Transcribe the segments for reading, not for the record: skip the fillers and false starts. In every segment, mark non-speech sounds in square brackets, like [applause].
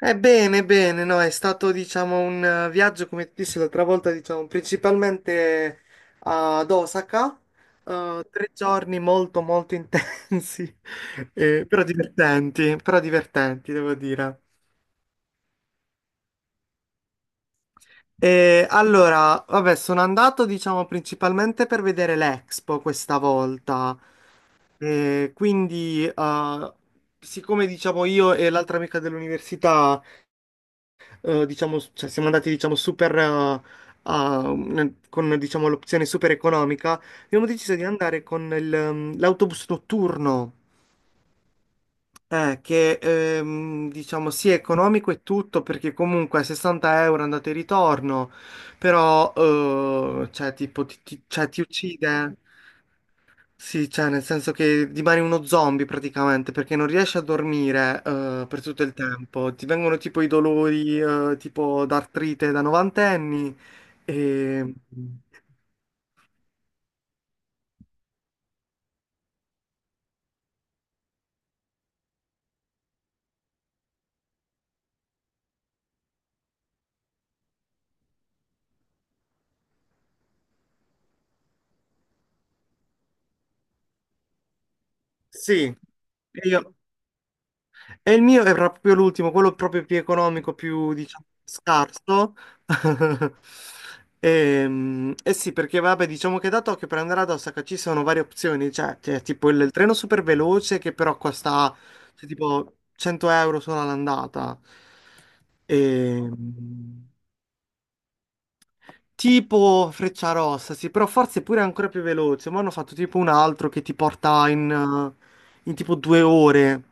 Bene, bene, no, è stato diciamo un viaggio, come ti dissi l'altra volta, diciamo, principalmente ad Osaka, tre giorni molto molto [laughs] intensi, però divertenti, devo dire. E allora, vabbè, sono andato diciamo principalmente per vedere l'Expo questa volta. Quindi, siccome diciamo io e l'altra amica dell'università diciamo, cioè siamo andati, diciamo, super, a- con, diciamo, l'opzione super economica, abbiamo deciso di andare con l'autobus notturno, che, diciamo, sì, è economico e tutto, perché comunque 60 € andate e ritorno, però, cioè, tipo, cioè, ti uccide. Sì, cioè, nel senso che rimani uno zombie praticamente perché non riesci a dormire per tutto il tempo. Ti vengono tipo i dolori tipo d'artrite da novantenni. E... Sì. E io. E il mio era proprio l'ultimo, quello proprio più economico, più, diciamo, scarso. [laughs] E, sì, perché vabbè, diciamo che da Tokyo per andare ad Osaka ci sono varie opzioni, cioè c'è tipo il treno super veloce che però costa cioè, tipo 100 € solo all'andata. E, Tipo Freccia Rossa, sì, però forse pure ancora più veloce. Ma hanno fatto tipo un altro che ti porta in tipo due ore,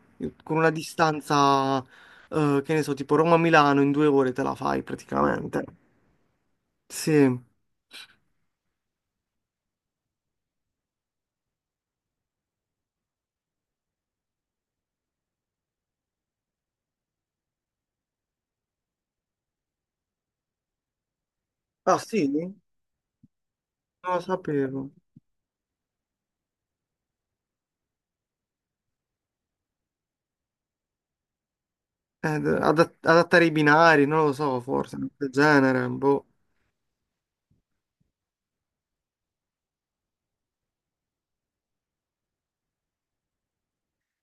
con una distanza, che ne so, tipo Roma-Milano, in due ore te la fai praticamente. Sì. Ah, sì? Non lo sapevo. Adattare i binari, non lo so, forse, del genere, boh.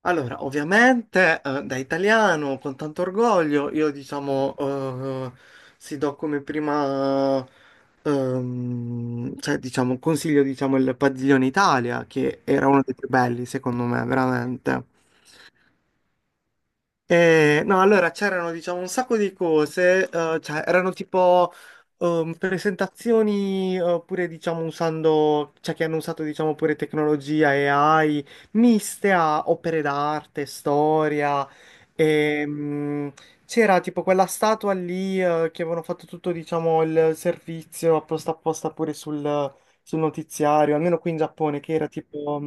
Allora, ovviamente, da italiano, con tanto orgoglio, io diciamo, si do come prima, cioè, diciamo, consiglio, diciamo, il Padiglione Italia, che era uno dei più belli, secondo me, veramente. No, allora c'erano diciamo un sacco di cose, cioè erano tipo presentazioni pure diciamo usando, cioè che hanno usato diciamo pure tecnologia e AI miste a opere d'arte, storia, ehm, c'era tipo quella statua lì che avevano fatto tutto diciamo il servizio apposta apposta pure sul notiziario, almeno qui in Giappone che era tipo.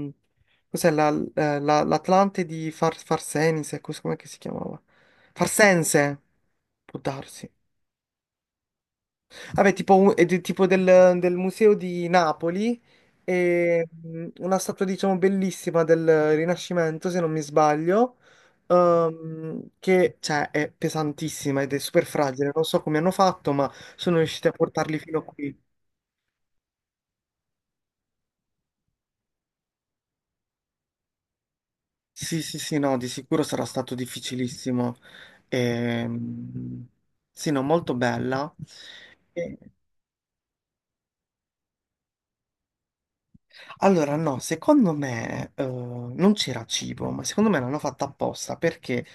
Cos'è l'Atlante di Farsenise? Com'è che si chiamava? Farsense? Può darsi. Vabbè, tipo, tipo del museo di Napoli, e una statua, diciamo, bellissima del Rinascimento, se non mi sbaglio, che, cioè, è pesantissima ed è super fragile. Non so come hanno fatto, ma sono riusciti a portarli fino a qui. Sì, sì, sì, no, di sicuro sarà stato difficilissimo. Ehm, sì, no, molto bella. E- allora, no, secondo me non c'era cibo, ma secondo me l'hanno fatta apposta perché,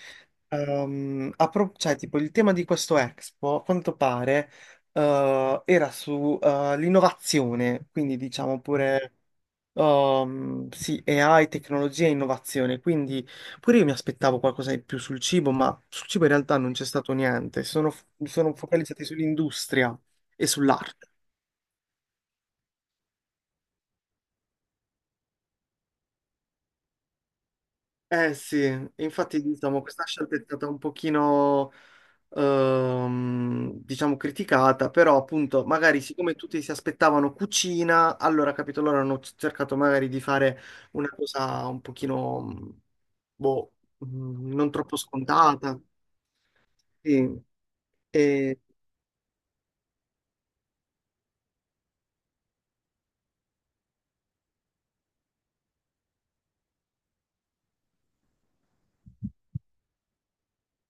cioè, tipo, il tema di questo Expo, a quanto pare, era sull'innovazione, quindi diciamo pure. Sì, AI, tecnologia e innovazione, quindi pure io mi aspettavo qualcosa di più sul cibo, ma sul cibo in realtà non c'è stato niente, sono focalizzati sull'industria e sull'arte. Eh sì, infatti diciamo questa scelta è stata un pochino, diciamo, criticata, però appunto magari siccome tutti si aspettavano cucina, allora capito, loro hanno cercato magari di fare una cosa un pochino, boh, non troppo scontata. Sì, e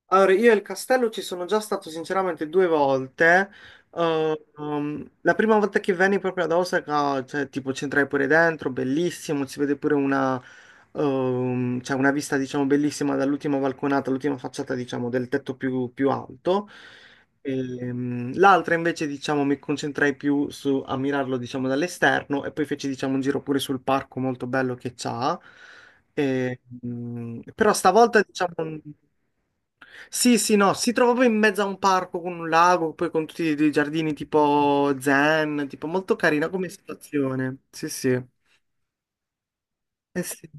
Allora, io e il castello ci sono già stato sinceramente due volte. La prima volta che venni proprio ad Osaka, cioè, tipo, ci entrai pure dentro, bellissimo, si vede pure una vista, diciamo, bellissima dall'ultima balconata, l'ultima facciata, diciamo, del tetto più alto. L'altra invece, diciamo, mi concentrai più su a mirarlo, diciamo, dall'esterno e poi feci, diciamo, un giro pure sul parco molto bello che c'ha. Però stavolta, diciamo. Sì, sì, no, si trova proprio in mezzo a un parco con un lago, poi con tutti i giardini tipo zen, tipo molto carina come situazione. Sì, sì. Eh sì.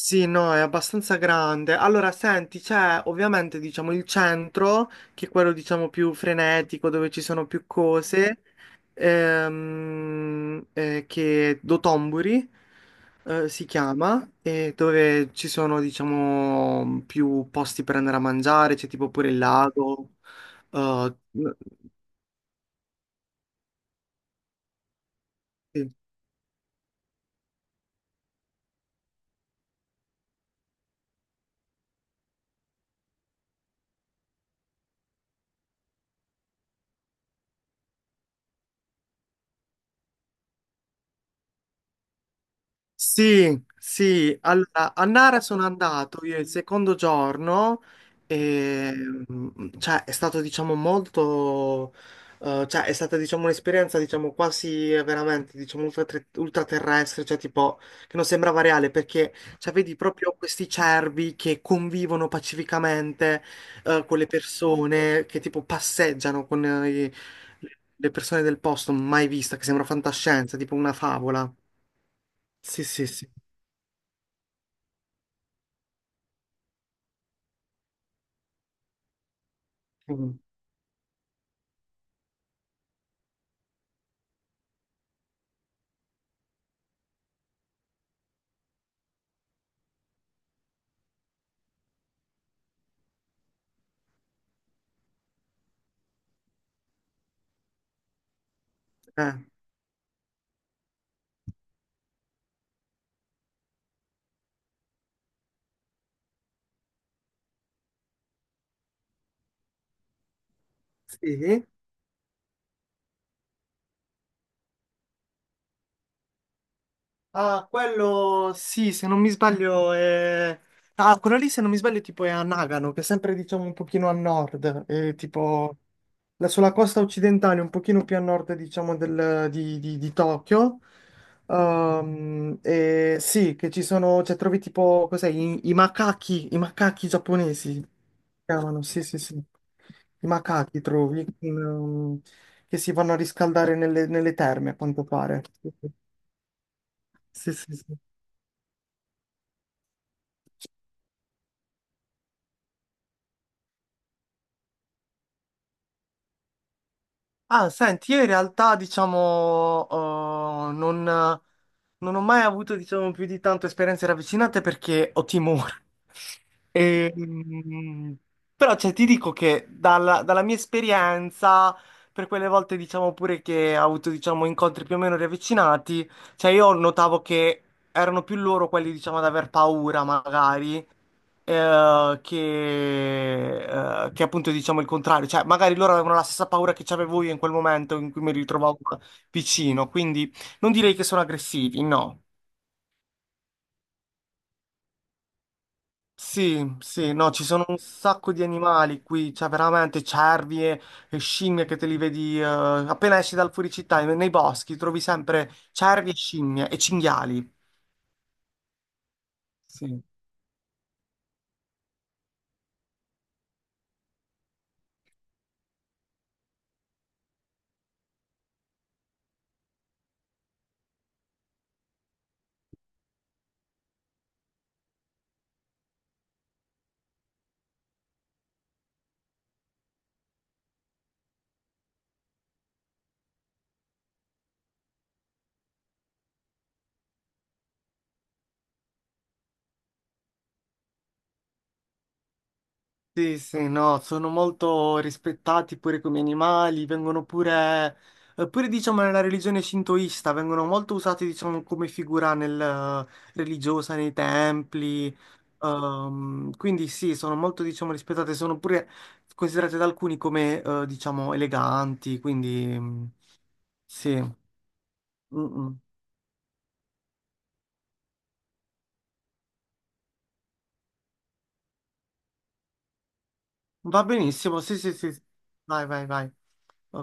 Sì, no, è abbastanza grande. Allora, senti, c'è ovviamente, diciamo, il centro, che è quello, diciamo, più frenetico, dove ci sono più cose, che è Dotomburi, si chiama, e dove ci sono, diciamo, più posti per andare a mangiare, c'è tipo pure il lago. Eh, sì. Sì, sì, allora a Nara sono andato io il secondo giorno e cioè, è stato diciamo molto, cioè, è stata diciamo un'esperienza diciamo quasi veramente diciamo ultraterrestre, cioè tipo che non sembrava reale perché cioè, vedi proprio questi cervi che convivono pacificamente con le persone, che tipo passeggiano con le persone del posto, mai vista, che sembra fantascienza, tipo una favola. Sì, sì, sì. Mm. Ah, sì? Ah, quello sì, se non mi sbaglio è. Ah, quello lì se non mi sbaglio tipo è a Nagano, che è sempre diciamo un pochino a nord, è tipo sulla costa occidentale, un pochino più a nord diciamo di Tokyo. E sì, che ci sono, cioè trovi tipo, cos'è, i macachi giapponesi, si chiamano, sì sì sì, i macachi trovi, che si vanno a riscaldare nelle terme a quanto pare. Sì, sì, sì. Sì, sì. Ah, senti, io in realtà, diciamo, non, ho mai avuto, diciamo, più di tanto esperienze ravvicinate perché ho timore. [laughs] E, mm, però, cioè, ti dico che dalla mia esperienza, per quelle volte, diciamo, pure che ho avuto, diciamo, incontri più o meno ravvicinati, cioè, io notavo che erano più loro quelli, diciamo, ad aver paura, magari, eh, che, che appunto diciamo il contrario, cioè magari loro avevano la stessa paura che c'avevo io in quel momento in cui mi ritrovavo vicino, quindi non direi che sono aggressivi, no. Sì, sì, no, ci sono un sacco di animali qui, cioè veramente cervi e scimmie che te li vedi appena esci dal fuoricittà, nei boschi trovi sempre cervi e scimmie e cinghiali. Sì. Sì, sì, no, sono molto rispettati pure come animali, vengono pure diciamo nella religione shintoista, vengono molto usati diciamo come figura religiosa nei templi. Quindi sì, sono molto diciamo rispettate, sono pure considerate da alcuni come diciamo eleganti, quindi sì, Mm, mm. Va benissimo, sì, sì, sì, vai, vai, vai.